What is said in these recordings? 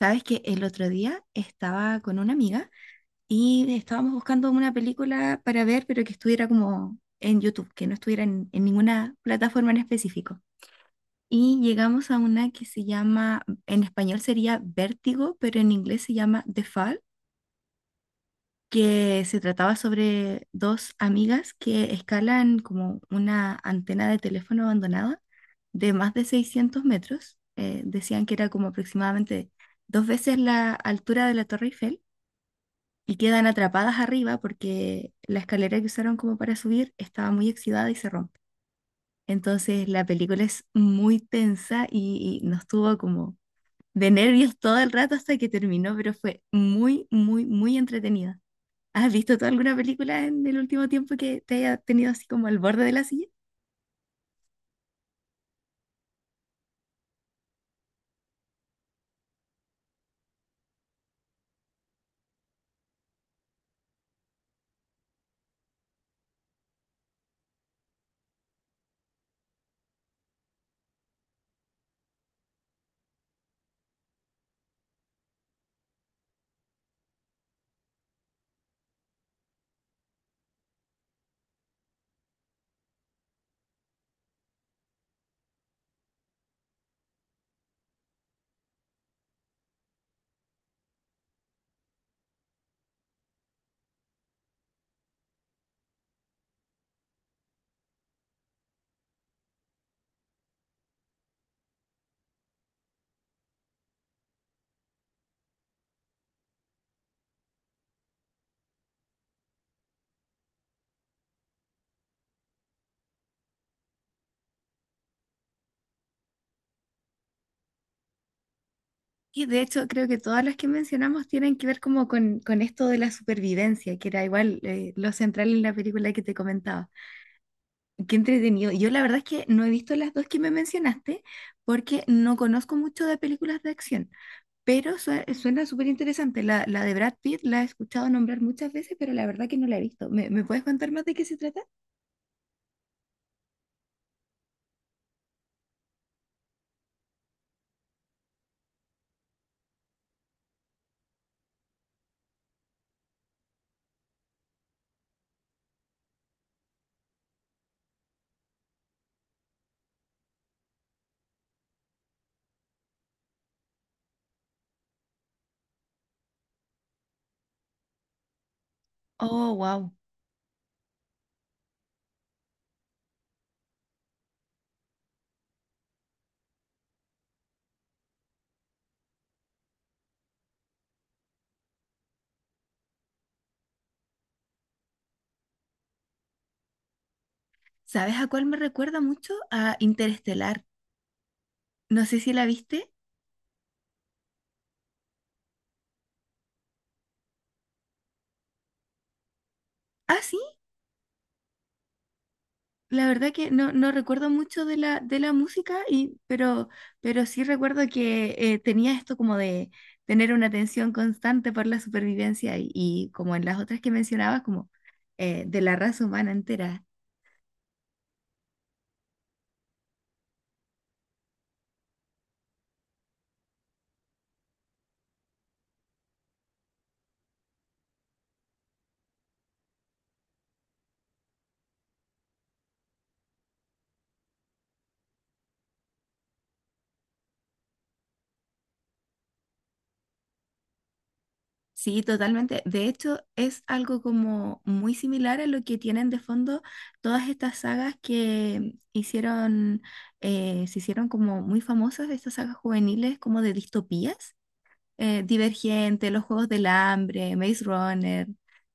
Sabes que el otro día estaba con una amiga y estábamos buscando una película para ver, pero que estuviera como en YouTube, que no estuviera en ninguna plataforma en específico. Y llegamos a una que se llama, en español sería Vértigo, pero en inglés se llama The Fall, que se trataba sobre dos amigas que escalan como una antena de teléfono abandonada de más de 600 metros. Decían que era como aproximadamente dos veces la altura de la Torre Eiffel y quedan atrapadas arriba porque la escalera que usaron como para subir estaba muy oxidada y se rompe. Entonces la película es muy tensa y nos tuvo como de nervios todo el rato hasta que terminó, pero fue muy, muy, muy entretenida. ¿Has visto tú alguna película en el último tiempo que te haya tenido así como al borde de la silla? Y de hecho creo que todas las que mencionamos tienen que ver como con esto de la supervivencia, que era igual lo central en la película que te comentaba. Qué entretenido. Yo la verdad es que no he visto las dos que me mencionaste porque no conozco mucho de películas de acción, pero suena súper interesante. La de Brad Pitt la he escuchado nombrar muchas veces, pero la verdad que no la he visto. ¿Me puedes contar más de qué se trata? Oh, wow. ¿Sabes a cuál me recuerda mucho? A Interestelar. No sé si la viste. Ah, sí. La verdad que no, no recuerdo mucho de la música, y, pero sí recuerdo que tenía esto como de tener una atención constante por la supervivencia y como en las otras que mencionabas, como de la raza humana entera. Sí, totalmente. De hecho, es algo como muy similar a lo que tienen de fondo todas estas sagas que hicieron, se hicieron como muy famosas, estas sagas juveniles como de distopías, Divergente, los Juegos del Hambre, Maze Runner.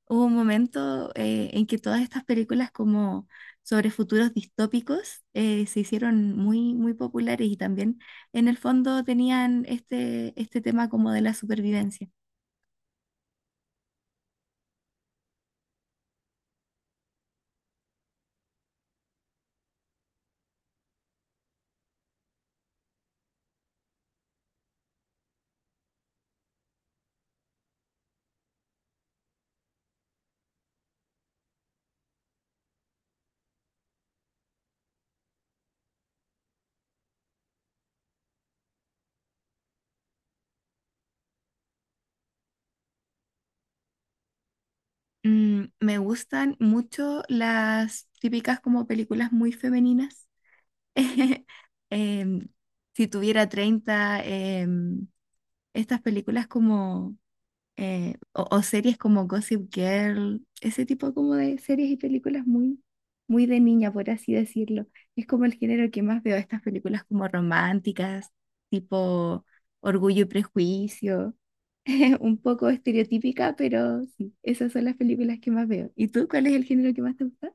Hubo un momento en que todas estas películas como sobre futuros distópicos se hicieron muy, muy populares y también en el fondo tenían este tema como de la supervivencia. Mm, me gustan mucho las típicas como películas muy femeninas. Em, si tuviera 30, estas películas como o series como Gossip Girl, ese tipo como de series y películas muy, muy de niña, por así decirlo. Es como el género que más veo, estas películas como románticas, tipo Orgullo y Prejuicio, un poco estereotípica, pero sí, esas son las películas que más veo. ¿Y tú cuál es el género que más te gusta?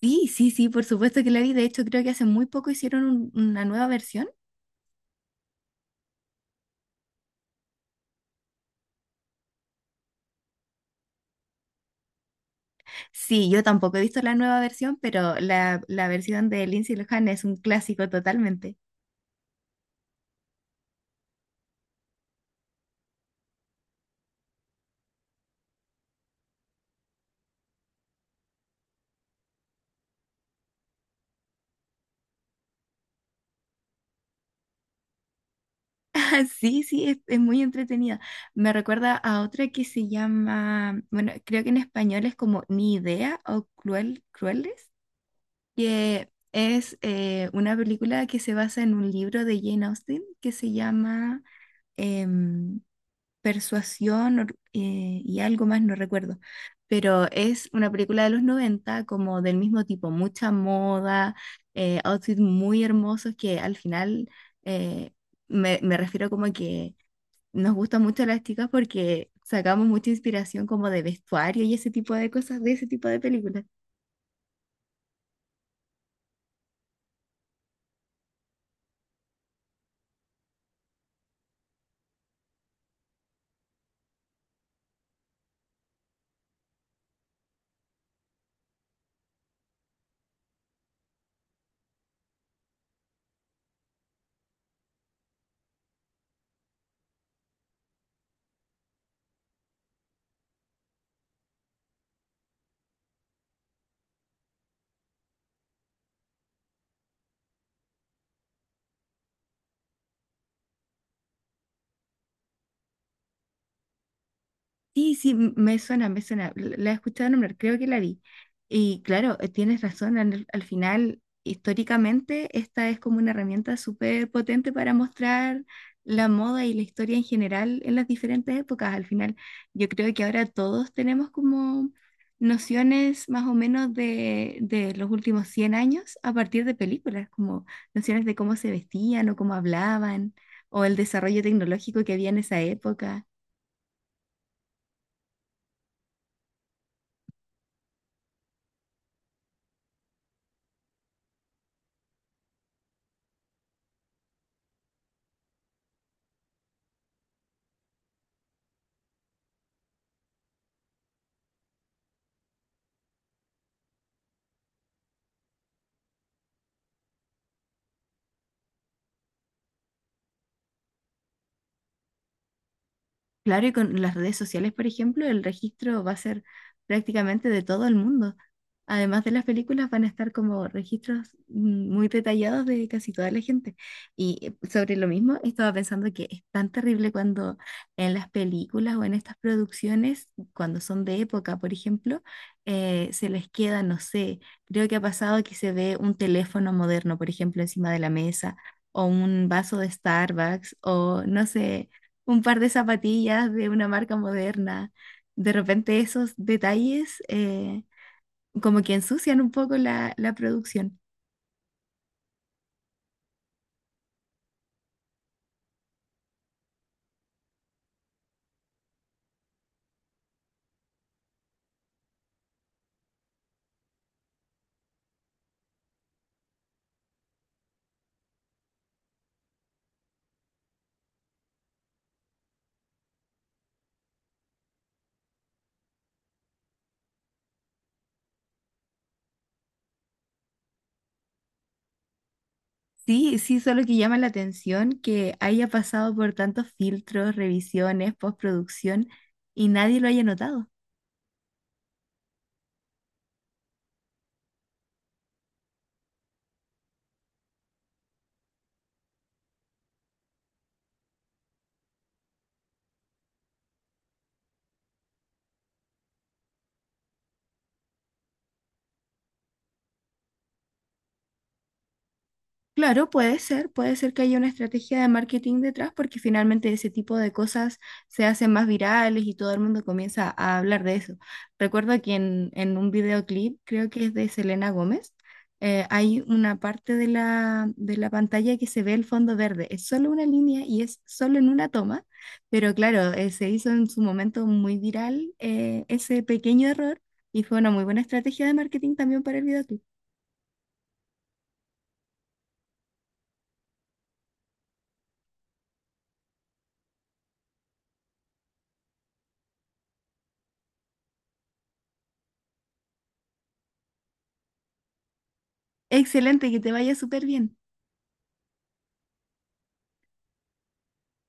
Sí, sí, sí, por supuesto que la vi. De hecho, creo que hace muy poco hicieron una nueva versión. Sí, yo tampoco he visto la nueva versión, pero la versión de Lindsay Lohan es un clásico totalmente. Sí, sí, es muy entretenida. Me recuerda a otra que se llama, bueno, creo que en español es como Ni Idea o Cruel, Crueles, que es una película que se basa en un libro de Jane Austen que se llama em, Persuasión y algo más, no recuerdo. Pero es una película de los 90 como del mismo tipo, mucha moda, outfits muy hermosos que al final, eh, me refiero como que nos gustan mucho las chicas porque sacamos mucha inspiración como de vestuario y ese tipo de cosas, de ese tipo de películas. Sí, sí, me suena, me suena. La he escuchado nombrar, creo que la vi. Y claro, tienes razón, al final, históricamente, esta es como una herramienta súper potente para mostrar la moda y la historia en general en las diferentes épocas. Al final, yo creo que ahora todos tenemos como nociones más o menos de los últimos 100 años a partir de películas, como nociones de cómo se vestían o cómo hablaban, o el desarrollo tecnológico que había en esa época. Claro, y con las redes sociales, por ejemplo, el registro va a ser prácticamente de todo el mundo. Además de las películas, van a estar como registros muy detallados de casi toda la gente. Y sobre lo mismo, estaba pensando que es tan terrible cuando en las películas o en estas producciones, cuando son de época, por ejemplo, se les queda, no sé, creo que ha pasado que se ve un teléfono moderno, por ejemplo, encima de la mesa, o un vaso de Starbucks, o no sé, un par de zapatillas de una marca moderna. De repente esos detalles, como que ensucian un poco la producción. Sí, sí, solo que llama la atención que haya pasado por tantos filtros, revisiones, postproducción y nadie lo haya notado. Claro, puede ser que haya una estrategia de marketing detrás porque finalmente ese tipo de cosas se hacen más virales y todo el mundo comienza a hablar de eso. Recuerdo que en un videoclip, creo que es de Selena Gómez, hay una parte de la pantalla que se ve el fondo verde. Es solo una línea y es solo en una toma, pero claro, se hizo en su momento muy viral, ese pequeño error y fue una muy buena estrategia de marketing también para el videoclip. Excelente, que te vaya súper bien.